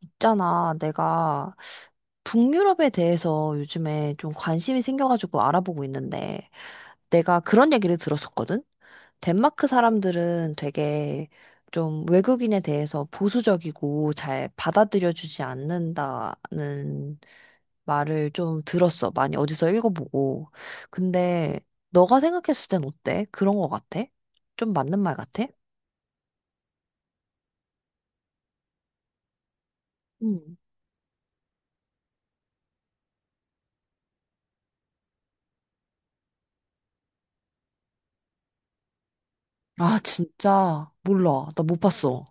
있잖아, 내가 북유럽에 대해서 요즘에 좀 관심이 생겨가지고 알아보고 있는데, 내가 그런 얘기를 들었었거든? 덴마크 사람들은 되게 좀 외국인에 대해서 보수적이고 잘 받아들여주지 않는다는 말을 좀 들었어. 많이 어디서 읽어보고. 근데 너가 생각했을 땐 어때? 그런 거 같아? 좀 맞는 말 같아? 음. 아, 진짜 몰라. 나 못 봤어.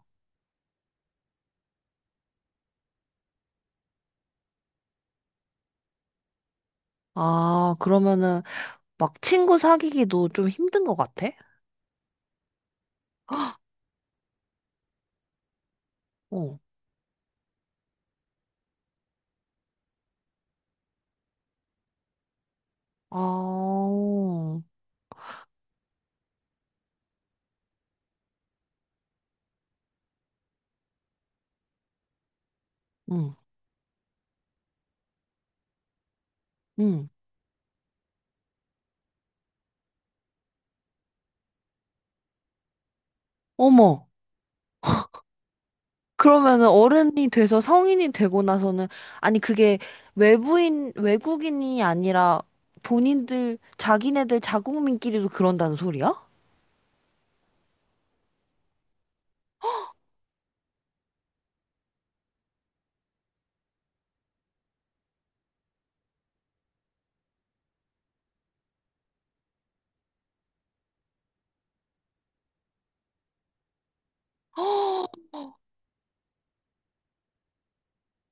아, 그러면은 막 친구 사귀기도 좀 힘든 것 같아? 어. 아, 응, 응. 어머. 그러면은 어른이 돼서 성인이 되고 나서는 아니 그게 외부인 외국인이 아니라 본인들 자기네들 자국민끼리도 그런다는 소리야?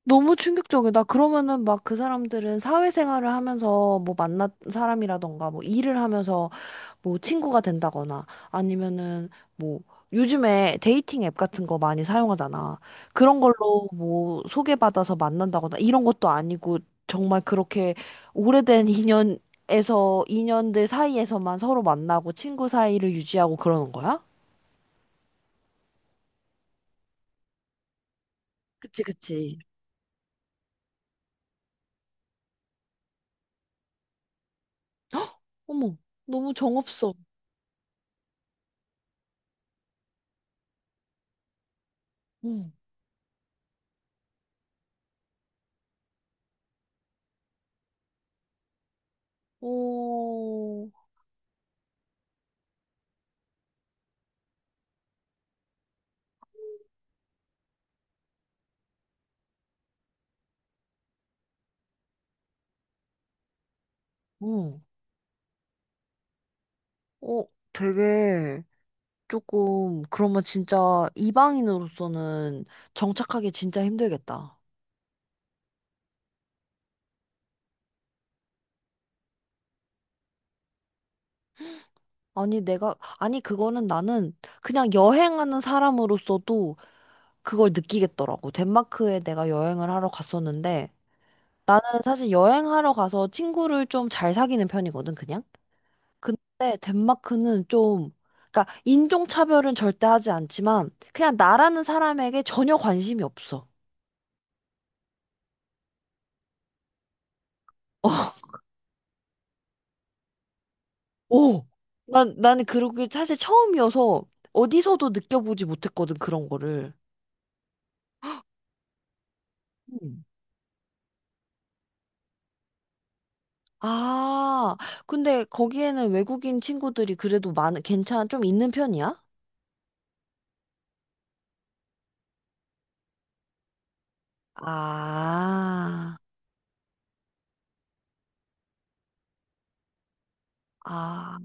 너무 충격적이다. 그러면은 막 그 사람들은 사회생활을 하면서 뭐 만난 사람이라던가 뭐 일을 하면서 뭐 친구가 된다거나 아니면은 뭐 요즘에 데이팅 앱 같은 거 많이 사용하잖아. 그런 걸로 뭐 소개받아서 만난다거나 이런 것도 아니고 정말 그렇게 오래된 인연에서 인연들 사이에서만 서로 만나고 친구 사이를 유지하고 그러는 거야? 그치, 그치. 어머, 너무 정없어. 응. 어, 응. 어, 되게 조금 그러면 진짜 이방인으로서는 정착하기 진짜 힘들겠다. 아니 내가 아니 그거는 나는 그냥 여행하는 사람으로서도 그걸 느끼겠더라고. 덴마크에 내가 여행을 하러 갔었는데 나는 사실 여행하러 가서 친구를 좀 잘 사귀는 편이거든 그냥. 근데 덴마크는 좀 그러니까 인종차별은 절대 하지 않지만 그냥 나라는 사람에게 전혀 관심이 없어. 오, 나는 그러게 사실 처음이어서 어디서도 느껴보지 못했거든, 그런 거를. 음. 아, 근데 거기에는 외국인 친구들이 그래도 괜찮 좀 있는 편이야? 아, 아,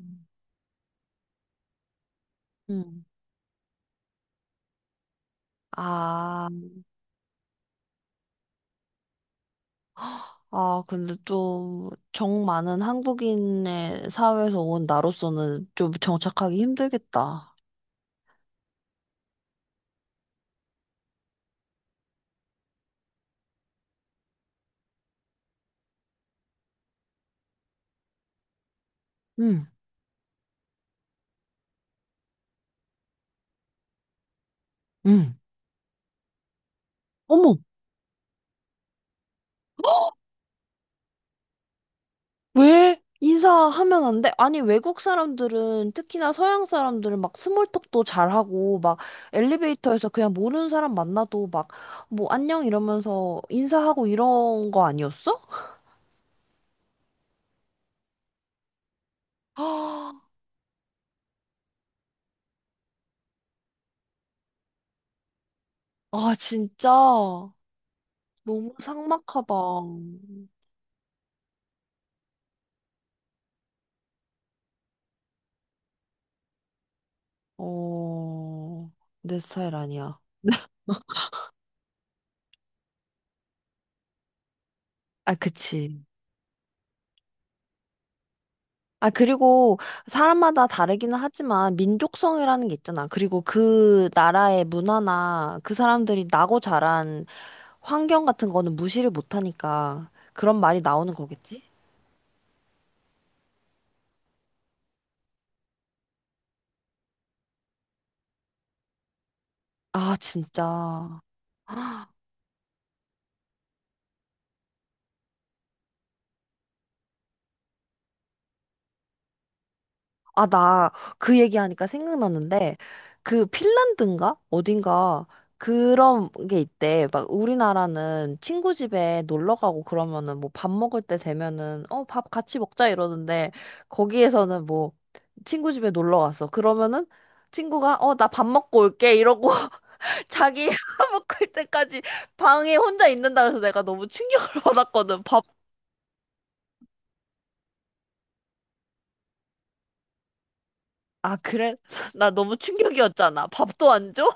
음. 아, 아, 근데 좀 정 많은 한국인의 사회에서 온 나로서는 좀 정착하기 힘들겠다. 응, 응. 어머, 왜? 인사하면 안 돼? 아니, 외국 사람들은, 특히나 서양 사람들은 막 스몰톡도 잘하고, 막 엘리베이터에서 그냥 모르는 사람 만나도 막, 뭐, 안녕 이러면서 인사하고 이런 거 아니었어? 아, 진짜. 너무 삭막하다. 어, 내 스타일 아니야. 아, 그치. 아, 그리고 사람마다 다르기는 하지만 민족성이라는 게 있잖아. 그리고 그 나라의 문화나 그 사람들이 나고 자란 환경 같은 거는 무시를 못 하니까 그런 말이 나오는 거겠지? 아, 진짜. 아, 나 그 얘기하니까 생각났는데, 그 핀란드인가? 어딘가? 그런 게 있대. 막 우리나라는 친구 집에 놀러 가고 그러면은 뭐 밥 먹을 때 되면은 어, 밥 같이 먹자 이러는데, 거기에서는 뭐 친구 집에 놀러 갔어. 그러면은 친구가 어, 나 밥 먹고 올게 이러고 자기 먹을 때까지 방에 혼자 있는다 그래서 내가 너무 충격을 받았거든. 밥, 아, 그래? 나 너무 충격이었잖아. 밥도 안 줘?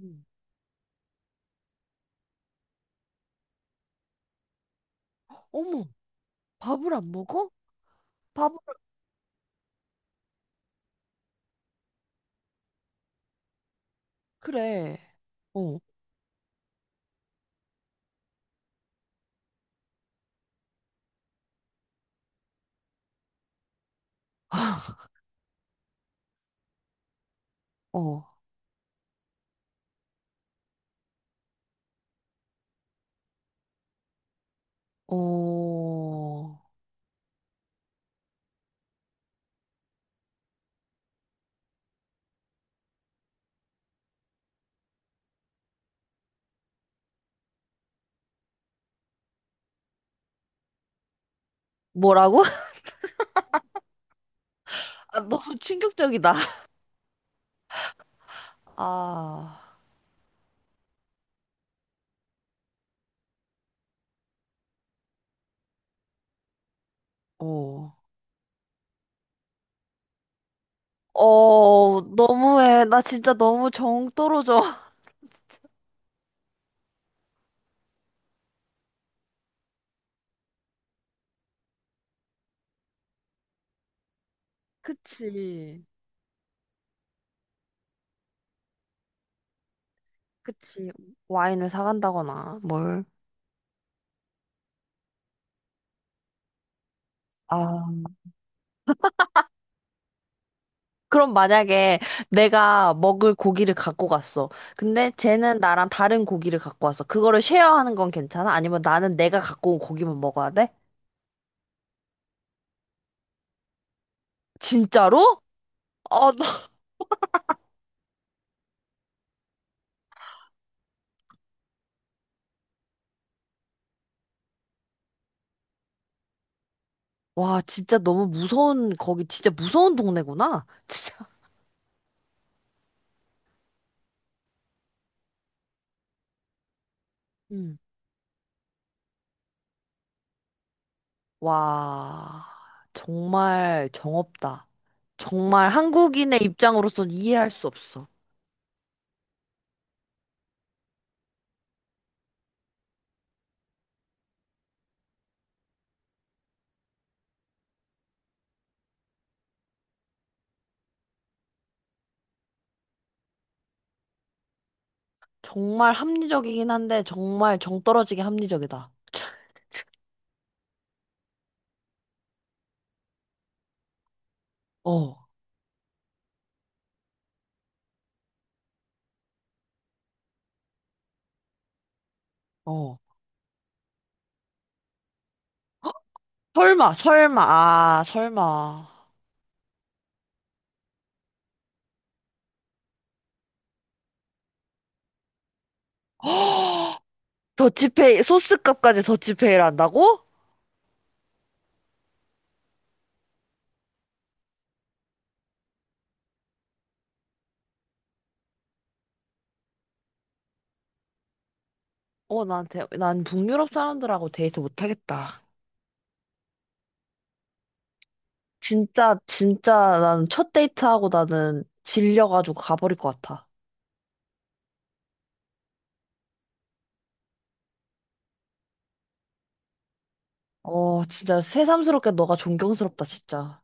음. 어머. 밥을 안 먹어? 밥을, 그래. 어, 어, 어. 뭐라고? 아, 너무 충격적이다. 아, 어. 어, 너무해. 나 진짜 너무 정 떨어져. 그치. 그치. 와인을 사간다거나, 뭘. 아, 그럼 만약에 내가 먹을 고기를 갖고 갔어. 근데 쟤는 나랑 다른 고기를 갖고 왔어. 그거를 쉐어하는 건 괜찮아? 아니면 나는 내가 갖고 온 고기만 먹어야 돼? 진짜로? 아, 와, 진짜 너무 무서운, 거기 진짜 무서운 동네구나. 진짜. 음. 와, 정말 정없다. 정말 한국인의 입장으로선 이해할 수 없어. 정말 합리적이긴 한데, 정말 정떨어지게 합리적이다. 어, 어. 설마, 설마, 아, 설마. 더치페이, 소스값까지 더치페이를 한다고? 어, 나한테, 난 북유럽 사람들하고 데이트 못하겠다. 진짜, 진짜 나는 첫 데이트하고 나는 질려가지고 가버릴 것 같아. 어, 진짜 새삼스럽게 너가 존경스럽다, 진짜.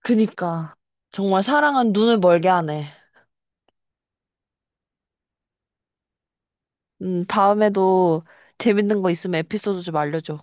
그니까. 정말 사랑은 눈을 멀게 하네. 다음에도 재밌는 거 있으면 에피소드 좀 알려줘.